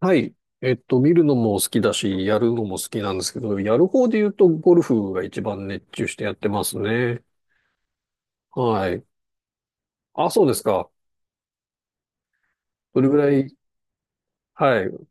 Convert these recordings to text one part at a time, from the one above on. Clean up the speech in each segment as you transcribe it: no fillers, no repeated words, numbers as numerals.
はい。見るのも好きだし、やるのも好きなんですけど、やる方で言うと、ゴルフが一番熱中してやってますね。はい。あ、そうですか。どれぐらい、はい。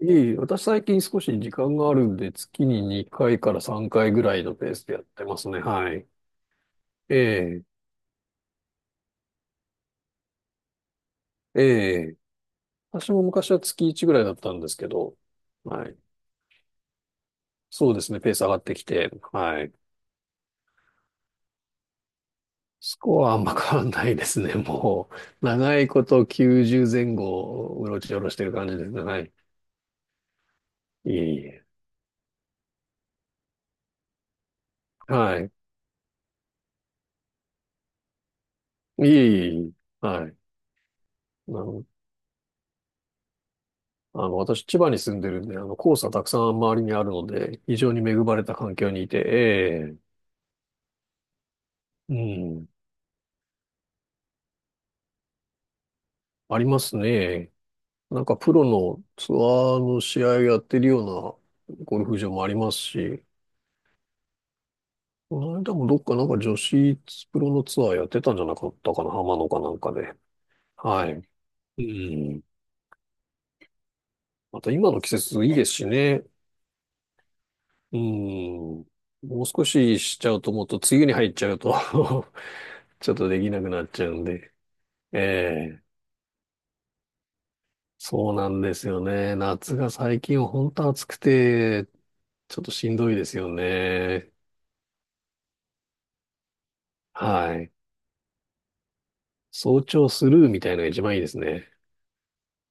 いい。私最近少し時間があるんで、月に2回から3回ぐらいのペースでやってますね。はい。ええ、ええ。私も昔は月1ぐらいだったんですけど、はい。そうですね。ペース上がってきて、はい。スコアはあんま変わんないですね。もう、長いこと90前後、うろちょろしてる感じですね。はい。いえいえ。はい。いいえいえ。はい。あの、あの、私、千葉に住んでるんで、あの、黄砂たくさん周りにあるので、非常に恵まれた環境にいて、ええ、うん、ありますね。なんか、プロのツアーの試合やってるようなゴルフ場もありますし、この間もどっかなんか女子プロのツアーやってたんじゃなかったかな、浜野かなんかで。はい。うん。また今の季節いいですしね。うん。もう少ししちゃうともっと梅雨に入っちゃうと ちょっとできなくなっちゃうんで。ええ。そうなんですよね。夏が最近は本当暑くて、ちょっとしんどいですよね。はい。早朝スルーみたいなのが一番いいですね。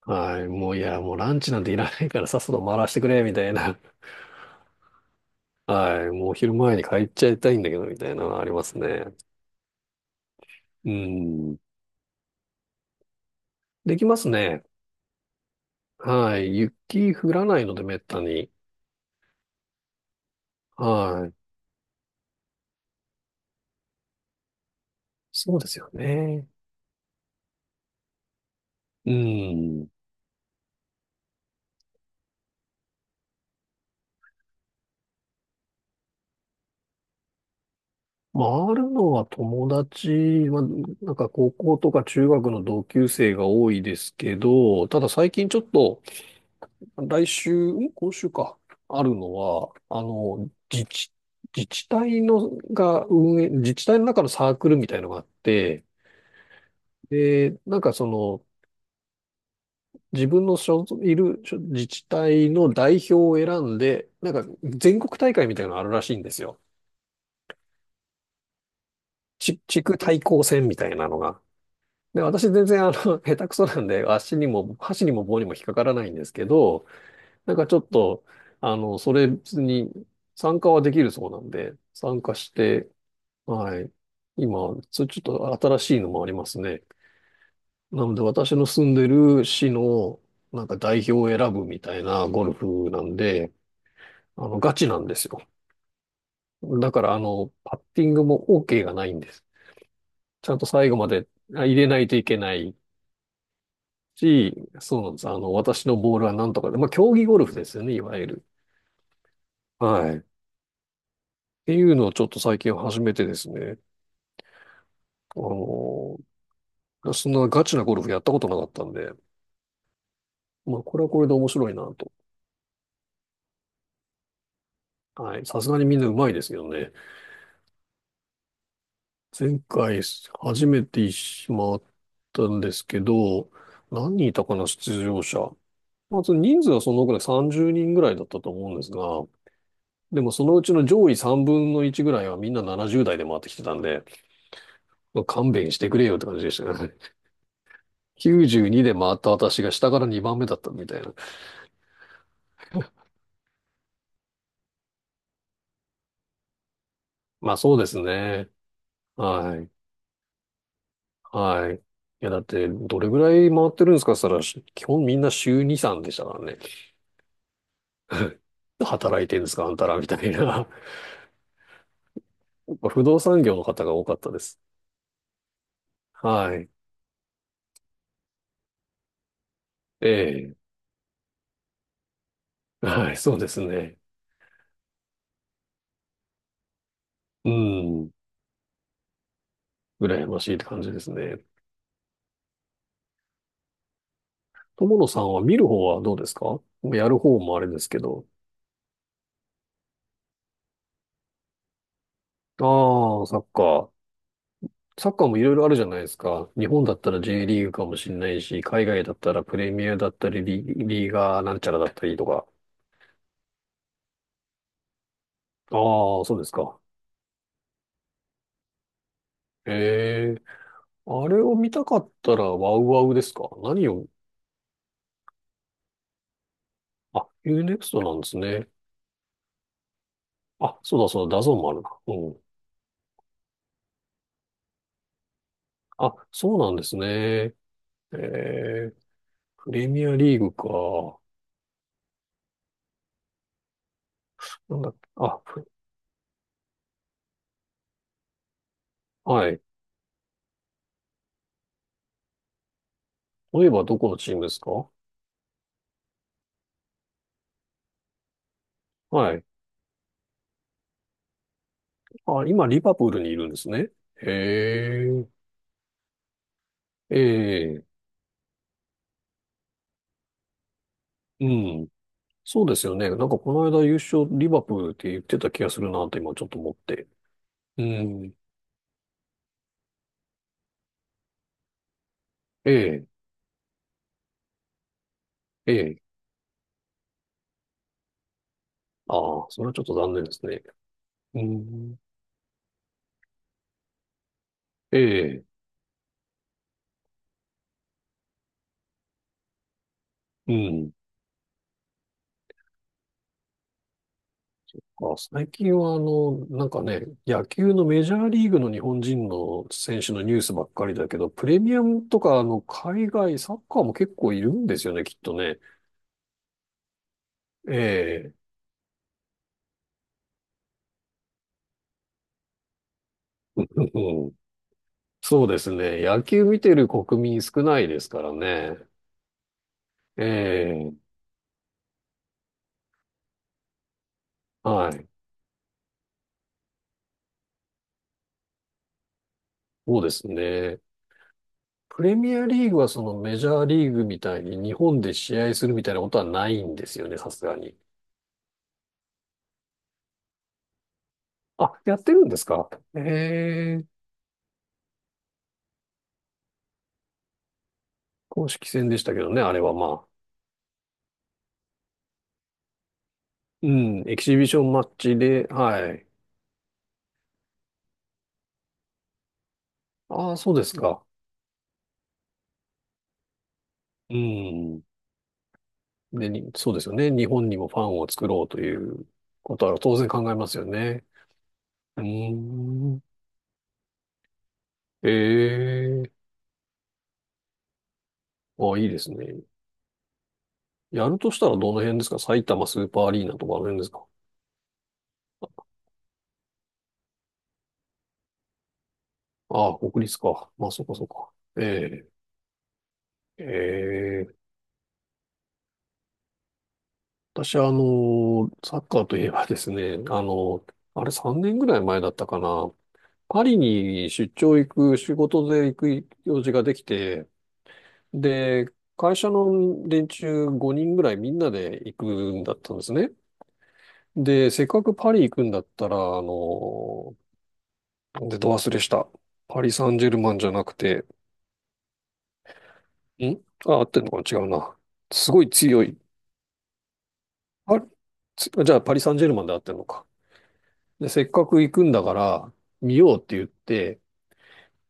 はい。もういや、もうランチなんていらないからさっさと回らせてくれ、みたいな。はい。もう昼前に帰っちゃいたいんだけど、みたいなのがありますね。うん。できますね。はい。雪降らないので、めったに。はい。そうですよね。うん。まああるのは友達は、なんか高校とか中学の同級生が多いですけど、ただ最近ちょっと、来週、今週か、あるのは、あの、自治体のが運営、自治体の中のサークルみたいのがあって、で、なんかその、自分の所属いる所自治体の代表を選んで、なんか全国大会みたいなのあるらしいんですよ。地区対抗戦みたいなのが。で、私全然あの、下手くそなんで、足にも、箸にも棒にも引っかからないんですけど、なんかちょっと、あの、それ別に参加はできるそうなんで、参加して、はい。今、それちょっと新しいのもありますね。なので私の住んでる市の、なんか代表を選ぶみたいなゴルフなんで、あの、ガチなんですよ。だから、あの、パッティングも OK がないんです。ちゃんと最後まで入れないといけないし、そうなんです。あの、私のボールはなんとかで、まあ、競技ゴルフですよね、いわゆる。はい。っていうのをちょっと最近始めてですね、あの、そんなガチなゴルフやったことなかったんで、まあ、これはこれで面白いなと。はい。さすがにみんな上手いですけどね。前回初めてしまったんですけど、何人いたかな、出場者。まあ、その人数はそのぐらい、30人ぐらいだったと思うんですが、でもそのうちの上位3分の1ぐらいはみんな70代で回ってきてたんで、まあ勘弁してくれよって感じでしたね。92で回った私が下から2番目だったみたいな。まあそうですね。はい。はい。いや、だって、どれぐらい回ってるんですかって言ったら、基本みんな週2、3でしたからね。働いてるんですかあんたらみたいな。やっぱ不動産業の方が多かったです。はい。ええ。はい、そうですね。うん。羨ましいって感じですね。友野さんは見る方はどうですか？やる方もあれですけど。ああ、サッカー。サッカーもいろいろあるじゃないですか。日本だったら J リーグかもしれないし、海外だったらプレミアだったり、リーガーなんちゃらだったりとか。ああ、そうですか。ええ、あれを見たかったらワウワウですか？何を、あ、u ネクストなんですね。あ、そうだそうだ、ダゾーンもあるな。うん。あ、そうなんですね。ええ、プレミアリーグか。なんだっけ、あ、はい。例えばどこのチームですか？はい。あ、今、リバプールにいるんですね。へえ、ええ、うん。そうですよね。なんかこの間優勝リバプールって言ってた気がするなと今ちょっと思って。うん。ええ、ええ。ああ、それはちょっと残念ですね。うん。ええ、うん。あ、最近はあの、なんかね、野球のメジャーリーグの日本人の選手のニュースばっかりだけど、プレミアムとかあの、海外サッカーも結構いるんですよね、きっとね。ええ、うん、そうですね。野球見てる国民少ないですからね。ええ、はい。そうですね。プレミアリーグはそのメジャーリーグみたいに日本で試合するみたいなことはないんですよね、さすがに。あ、やってるんですか？ええ、公式戦でしたけどね、あれはまあ。うん、エキシビションマッチで、はい。ああ、そうですか。うん。で、そうですよね。日本にもファンを作ろうということは当然考えますよね。うーん。ええ、あ、いいですね。やるとしたらどの辺ですか？埼玉スーパーアリーナとかあの辺ですか？ああ、国立か。まあ、そっかそっか。ええ、ええ、私はあの、サッカーといえばですね、あの、あれ3年ぐらい前だったかな。パリに出張行く、仕事で行く用事ができて、で、会社の連中5人ぐらいみんなで行くんだったんですね。で、せっかくパリ行くんだったら、あの、出た忘れした。パリ・サンジェルマンじゃなくて、んあ、合ってんのかな違うな。すごい強い。パじゃあパリ・サンジェルマンで合ってんのか。で、せっかく行くんだから、見ようって言って、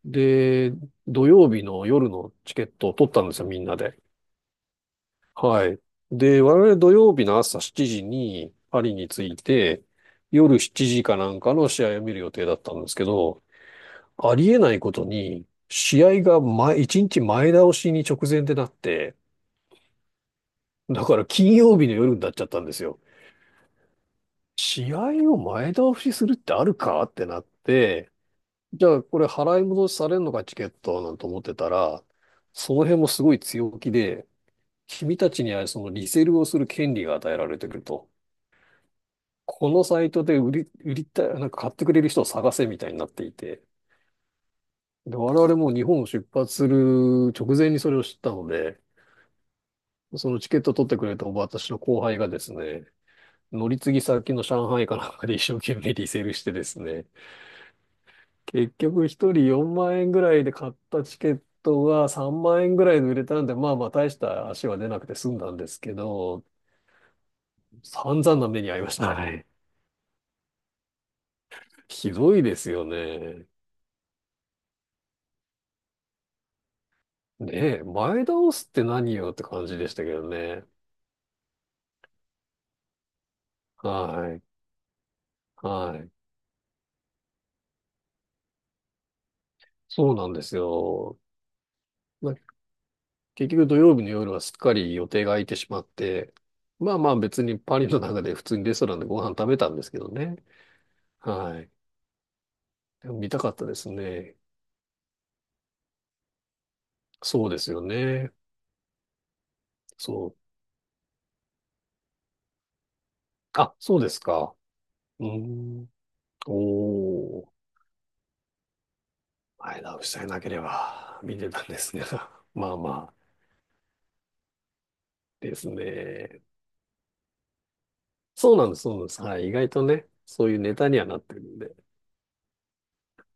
で、土曜日の夜のチケットを取ったんですよ、みんなで。はい。で、我々土曜日の朝7時にパリに着いて、夜7時かなんかの試合を見る予定だったんですけど、ありえないことに、試合が1日前倒しに直前でなって、だから金曜日の夜になっちゃったんですよ。試合を前倒しするってあるかってなって、じゃあこれ払い戻しされるのかチケットなんて思ってたら、その辺もすごい強気で、君たちにはそのリセールをする権利が与えられてくると。このサイトで売りたい、なんか買ってくれる人を探せみたいになっていて。で、我々も日本を出発する直前にそれを知ったので、そのチケット取ってくれた私の後輩がですね、乗り継ぎ先の上海かなんかで一生懸命リセールしてですね、結局一人4万円ぐらいで買ったチケットが3万円ぐらいで売れたんで、まあまあ大した足は出なくて済んだんですけど、散々な目に遭いました。はい。ひどいですよね。ねえ、前倒すって何よって感じでしたけどね。はい。はい。そうなんですよ。結局土曜日の夜はすっかり予定が空いてしまって、まあまあ別にパリの中で普通にレストランでご飯食べたんですけどね。はい。でも見たかったですね。そうですよね。そう。あ、そうですか。うーん。おー。前倒しさえなければ見てたんですね。まあまあですね。そうなんです、そうなんです。はい。意外とね、そういうネタにはなってるんで。